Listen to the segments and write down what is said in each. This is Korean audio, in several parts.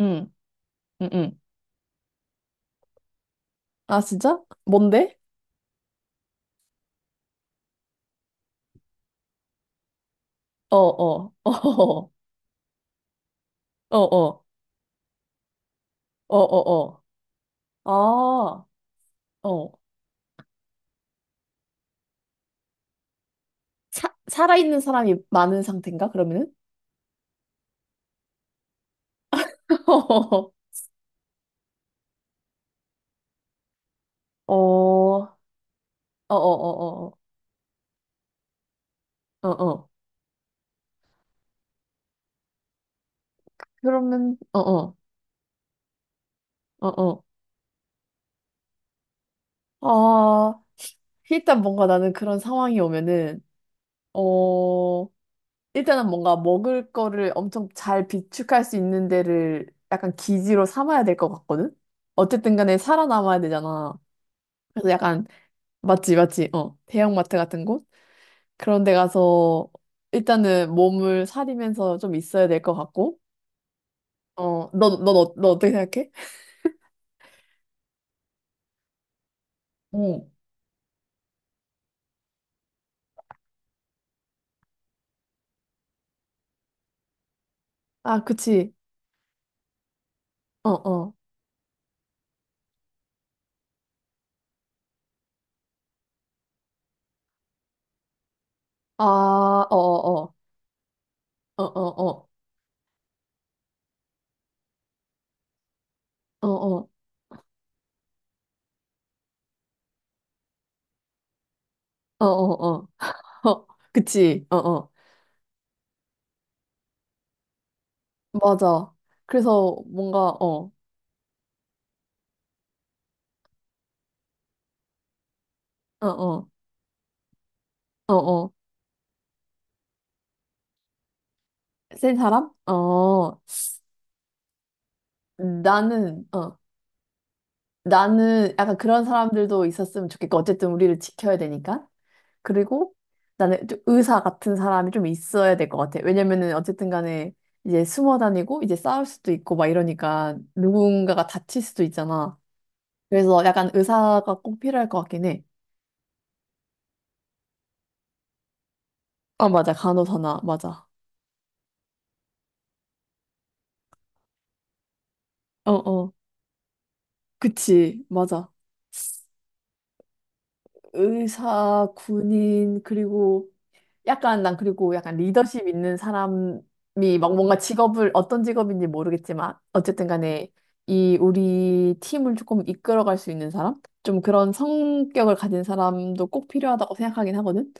응, 응, 응. 아, 진짜? 뭔데? 어, 어, 어, 어, 어, 어, 어, 어. 어. 아, 어. 살아있는 사람이 많은 상태인가, 그러면은? 어, 어, 어, 어, 어, 어, 어, 어. 그러면, 어, 어, 어, 어. 아, 일단 뭔가 나는 그런 상황이 오면은, 어, 일단은 뭔가 먹을 거를 엄청 잘 비축할 수 있는 데를 약간 기지로 삼아야 될 것 같거든? 어쨌든 간에 살아남아야 되잖아. 그래서 약간 맞지 맞지 어 대형마트 같은 곳 그런 데 가서 일단은 몸을 사리면서 좀 있어야 될 것 같고 너 어떻게 생각해? 어. 어. 아, 그치. 어어아어어어 어 어 어 어 어 어 어 어 어 그치 어 어 맞아. 그래서 뭔가 어어어 어 어 센 사람? 어 나는 어 나는 약간 그런 사람들도 있었으면 좋겠고 어쨌든 우리를 지켜야 되니까 그리고 나는 좀 의사 같은 사람이 좀 있어야 될 것 같아. 왜냐면은 어쨌든 간에 이제 숨어 다니고 이제 싸울 수도 있고 막 이러니까 누군가가 다칠 수도 있잖아. 그래서 약간 의사가 꼭 필요할 것 같긴 해. 아, 맞아. 간호사나. 맞아. 어, 어. 그치. 맞아. 의사, 군인, 그리고 약간 난 그리고 약간 리더십 있는 사람이 막 뭔가 직업을 어떤 직업인지 모르겠지만 어쨌든 간에 이 우리 팀을 조금 이끌어갈 수 있는 사람? 좀 그런 성격을 가진 사람도 꼭 필요하다고 생각하긴 하거든.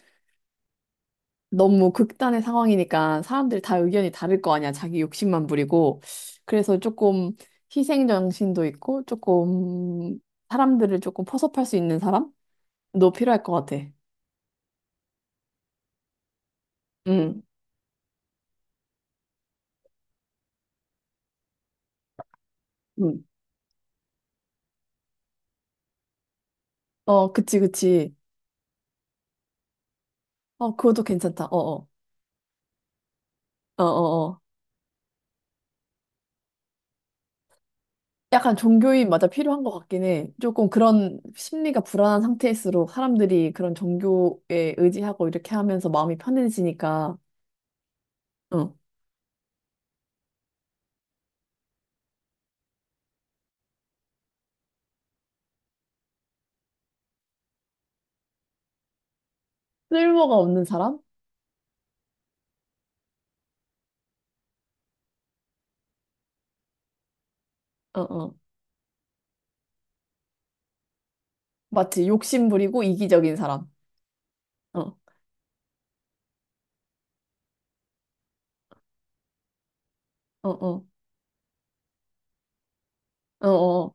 너무 극단의 상황이니까 사람들이 다 의견이 다를 거 아니야. 자기 욕심만 부리고. 그래서 조금 희생 정신도 있고 조금 사람들을 조금 포섭할 수 있는 사람도 필요할 것 같아. 응. 응. 어, 그치, 그치. 어, 그것도 괜찮다. 어어. 어어어. 약간 종교인 맞아 필요한 것 같긴 해. 조금 그런 심리가 불안한 상태일수록 사람들이 그런 종교에 의지하고 이렇게 하면서 마음이 편해지니까, 어. 쓸모가 없는 사람? 어어. 마치 욕심 부리고 이기적인 사람. 어 어어. 어어.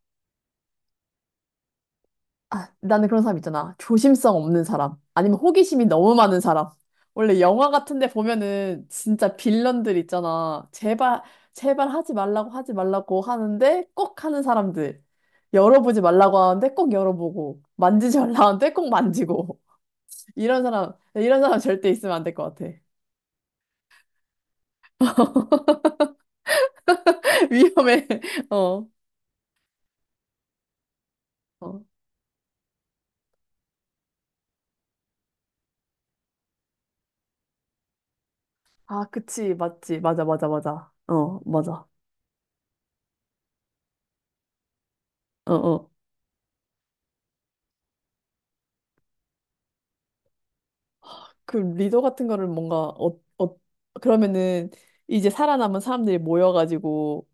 아, 나는 그런 사람 있잖아. 조심성 없는 사람. 아니면 호기심이 너무 많은 사람. 원래 영화 같은 데 보면은 진짜 빌런들 있잖아. 제발, 제발 하지 말라고 하지 말라고 하는데 꼭 하는 사람들. 열어보지 말라고 하는데 꼭 열어보고. 만지지 말라고 하는데 꼭 만지고. 이런 사람, 이런 사람 절대 있으면 안 될 것 같아. 위험해. 어. 어. 아, 그치. 맞지. 맞아, 맞아, 맞아. 어, 맞아. 어, 어. 그 리더 같은 거를 뭔가 어, 어 그러면은 이제 살아남은 사람들이 모여가지고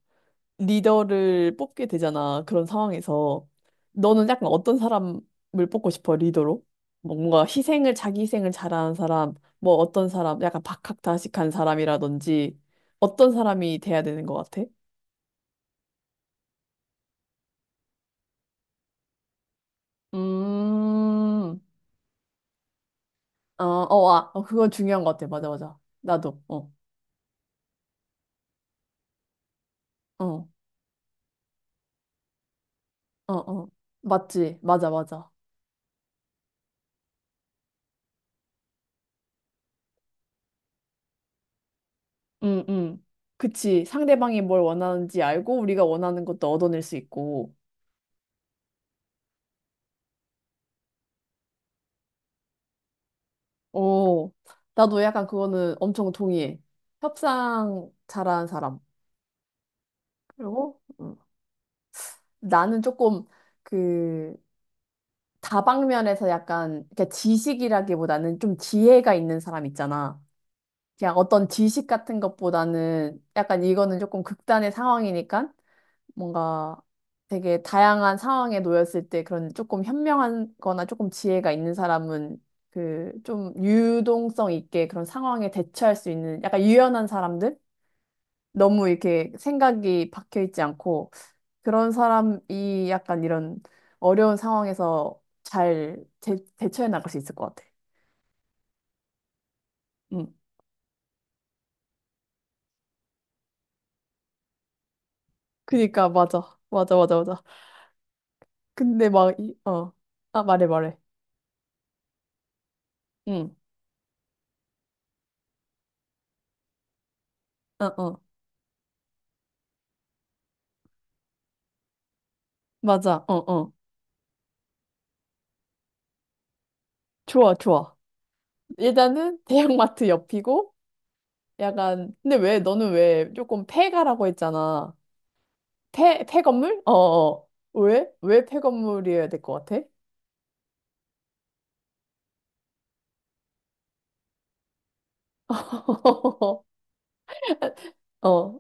리더를 뽑게 되잖아. 그런 상황에서 너는 약간 어떤 사람을 뽑고 싶어 리더로? 뭐 뭔가 희생을 자기 희생을 잘하는 사람, 뭐 어떤 사람, 약간 박학다식한 사람이라든지 어떤 사람이 돼야 되는 것 같아? 음, 어, 어, 아, 어, 그건 중요한 것 같아. 맞아, 맞아. 나도, 어, 어, 어, 어. 맞지, 맞아, 맞아. 응, 응. 그치. 상대방이 뭘 원하는지 알고 우리가 원하는 것도 얻어낼 수 있고. 오, 나도 약간 그거는 엄청 동의해. 협상 잘하는 사람. 그리고 나는 조금 그 다방면에서 약간 그러니까 지식이라기보다는 좀 지혜가 있는 사람 있잖아. 그냥 어떤 지식 같은 것보다는 약간 이거는 조금 극단의 상황이니까 뭔가 되게 다양한 상황에 놓였을 때 그런 조금 현명한 거나 조금 지혜가 있는 사람은 그 좀 유동성 있게 그런 상황에 대처할 수 있는 약간 유연한 사람들? 너무 이렇게 생각이 박혀 있지 않고 그런 사람이 약간 이런 어려운 상황에서 잘 대처해 나갈 수 있을 것 같아. 응. 그니까 맞아. 맞아 맞아 맞아. 근데 막 이, 어. 아, 말해 말해. 응. 어 어. 맞아. 어 어. 좋아 좋아. 일단은 대형마트 옆이고 약간 근데 왜 너는 왜 조금 폐가라고 했잖아. 폐 폐건물? 어. 어. 어. 왜? 왜 폐건물이어야 될 것 같아? 어.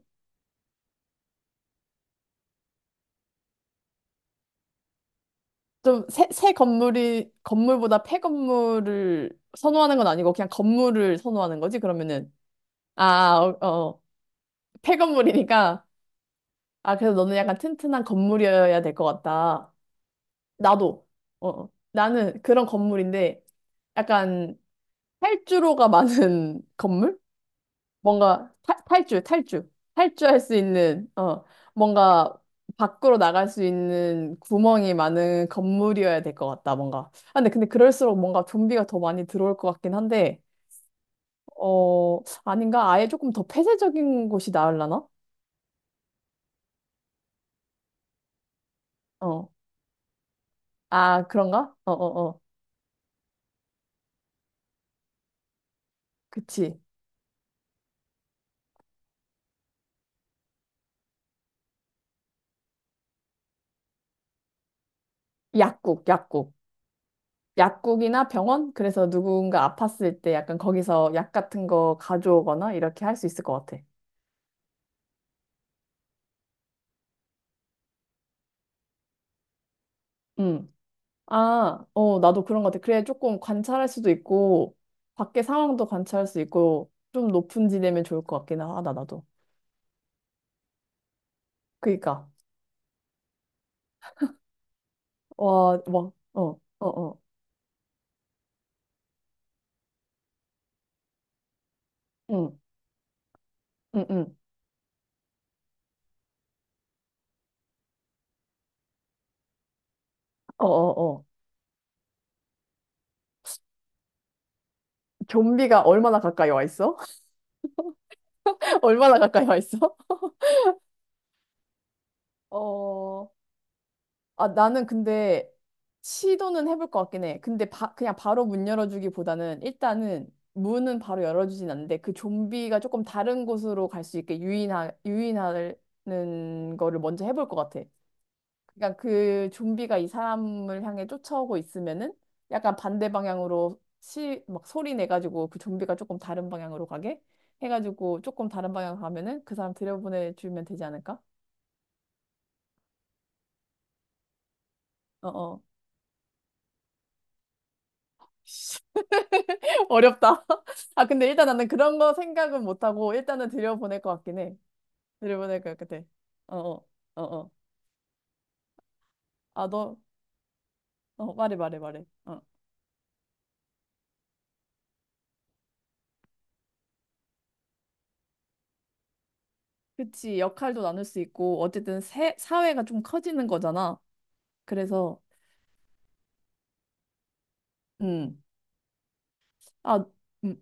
좀 새 건물이 건물보다 폐건물을 선호하는 건 아니고 그냥 건물을 선호하는 거지. 그러면은 아, 어, 어. 폐건물이니까 아, 그래서 너는 약간 튼튼한 건물이어야 될 것 같다. 나도. 어. 어. 나는 그런 건물인데 약간 탈주로가 많은 건물? 뭔가 탈주. 탈주할 수 있는, 어, 뭔가 밖으로 나갈 수 있는 구멍이 많은 건물이어야 될 것 같다, 뭔가. 아, 근데 그럴수록 뭔가 좀비가 더 많이 들어올 것 같긴 한데, 어, 아닌가? 아예 조금 더 폐쇄적인 곳이 나으려나? 어. 아, 그런가? 어, 어, 어. 그치. 약국, 약국. 약국이나 병원? 그래서 누군가 아팠을 때 약간 거기서 약 같은 거 가져오거나 이렇게 할 수 있을 것 같아. 음. 아, 어, 나도 그런 것 같아. 그래, 조금 관찰할 수도 있고, 밖에 상황도 관찰할 수 있고, 좀 높은 지대면 좋을 것 같긴 하다, 나도. 그니까, 와, 막, 어, 어, 어, 응, 응, 응, 어, 어, 어. 좀비가 얼마나 가까이 와 있어? 얼마나 가까이 와 있어? 어, 아, 나는 근데 시도는 해볼 것 같긴 해. 근데 그냥 바로 문 열어주기보다는 일단은 문은 바로 열어주진 않는데 그 좀비가 조금 다른 곳으로 갈 수 있게 유인하는 거를 먼저 해볼 것 같아. 그러니까 그 좀비가 이 사람을 향해 쫓아오고 있으면은 약간 반대 방향으로 막 소리 내가지고 그 좀비가 조금 다른 방향으로 가게 해가지고 조금 다른 방향으로 가면은 그 사람 들여보내주면 되지 않을까? 어어. 어렵다. 아, 근데 일단 나는 그런 거 생각은 못하고, 일단은 들여보낼 것 같긴 해. 들여보낼 것 같아. 어, 어, 어, 어. 아, 너, 말해, 말해, 말해. 어. 그치, 역할도 나눌 수 있고, 어쨌든 사회가 좀 커지는 거잖아. 그래서, 음, 아, 음,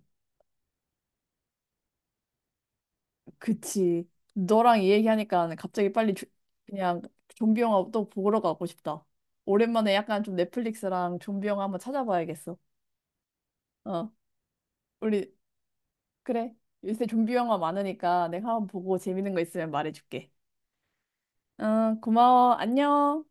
그치. 너랑 이 얘기하니까 갑자기 빨리 그냥 좀비 영화 또 보러 가고 싶다. 오랜만에 약간 좀 넷플릭스랑 좀비 영화 한번 찾아봐야겠어. 어, 우리 그래. 요새 좀비 영화 많으니까 내가 한번 보고 재밌는 거 있으면 말해줄게. 응, 고마워. 안녕.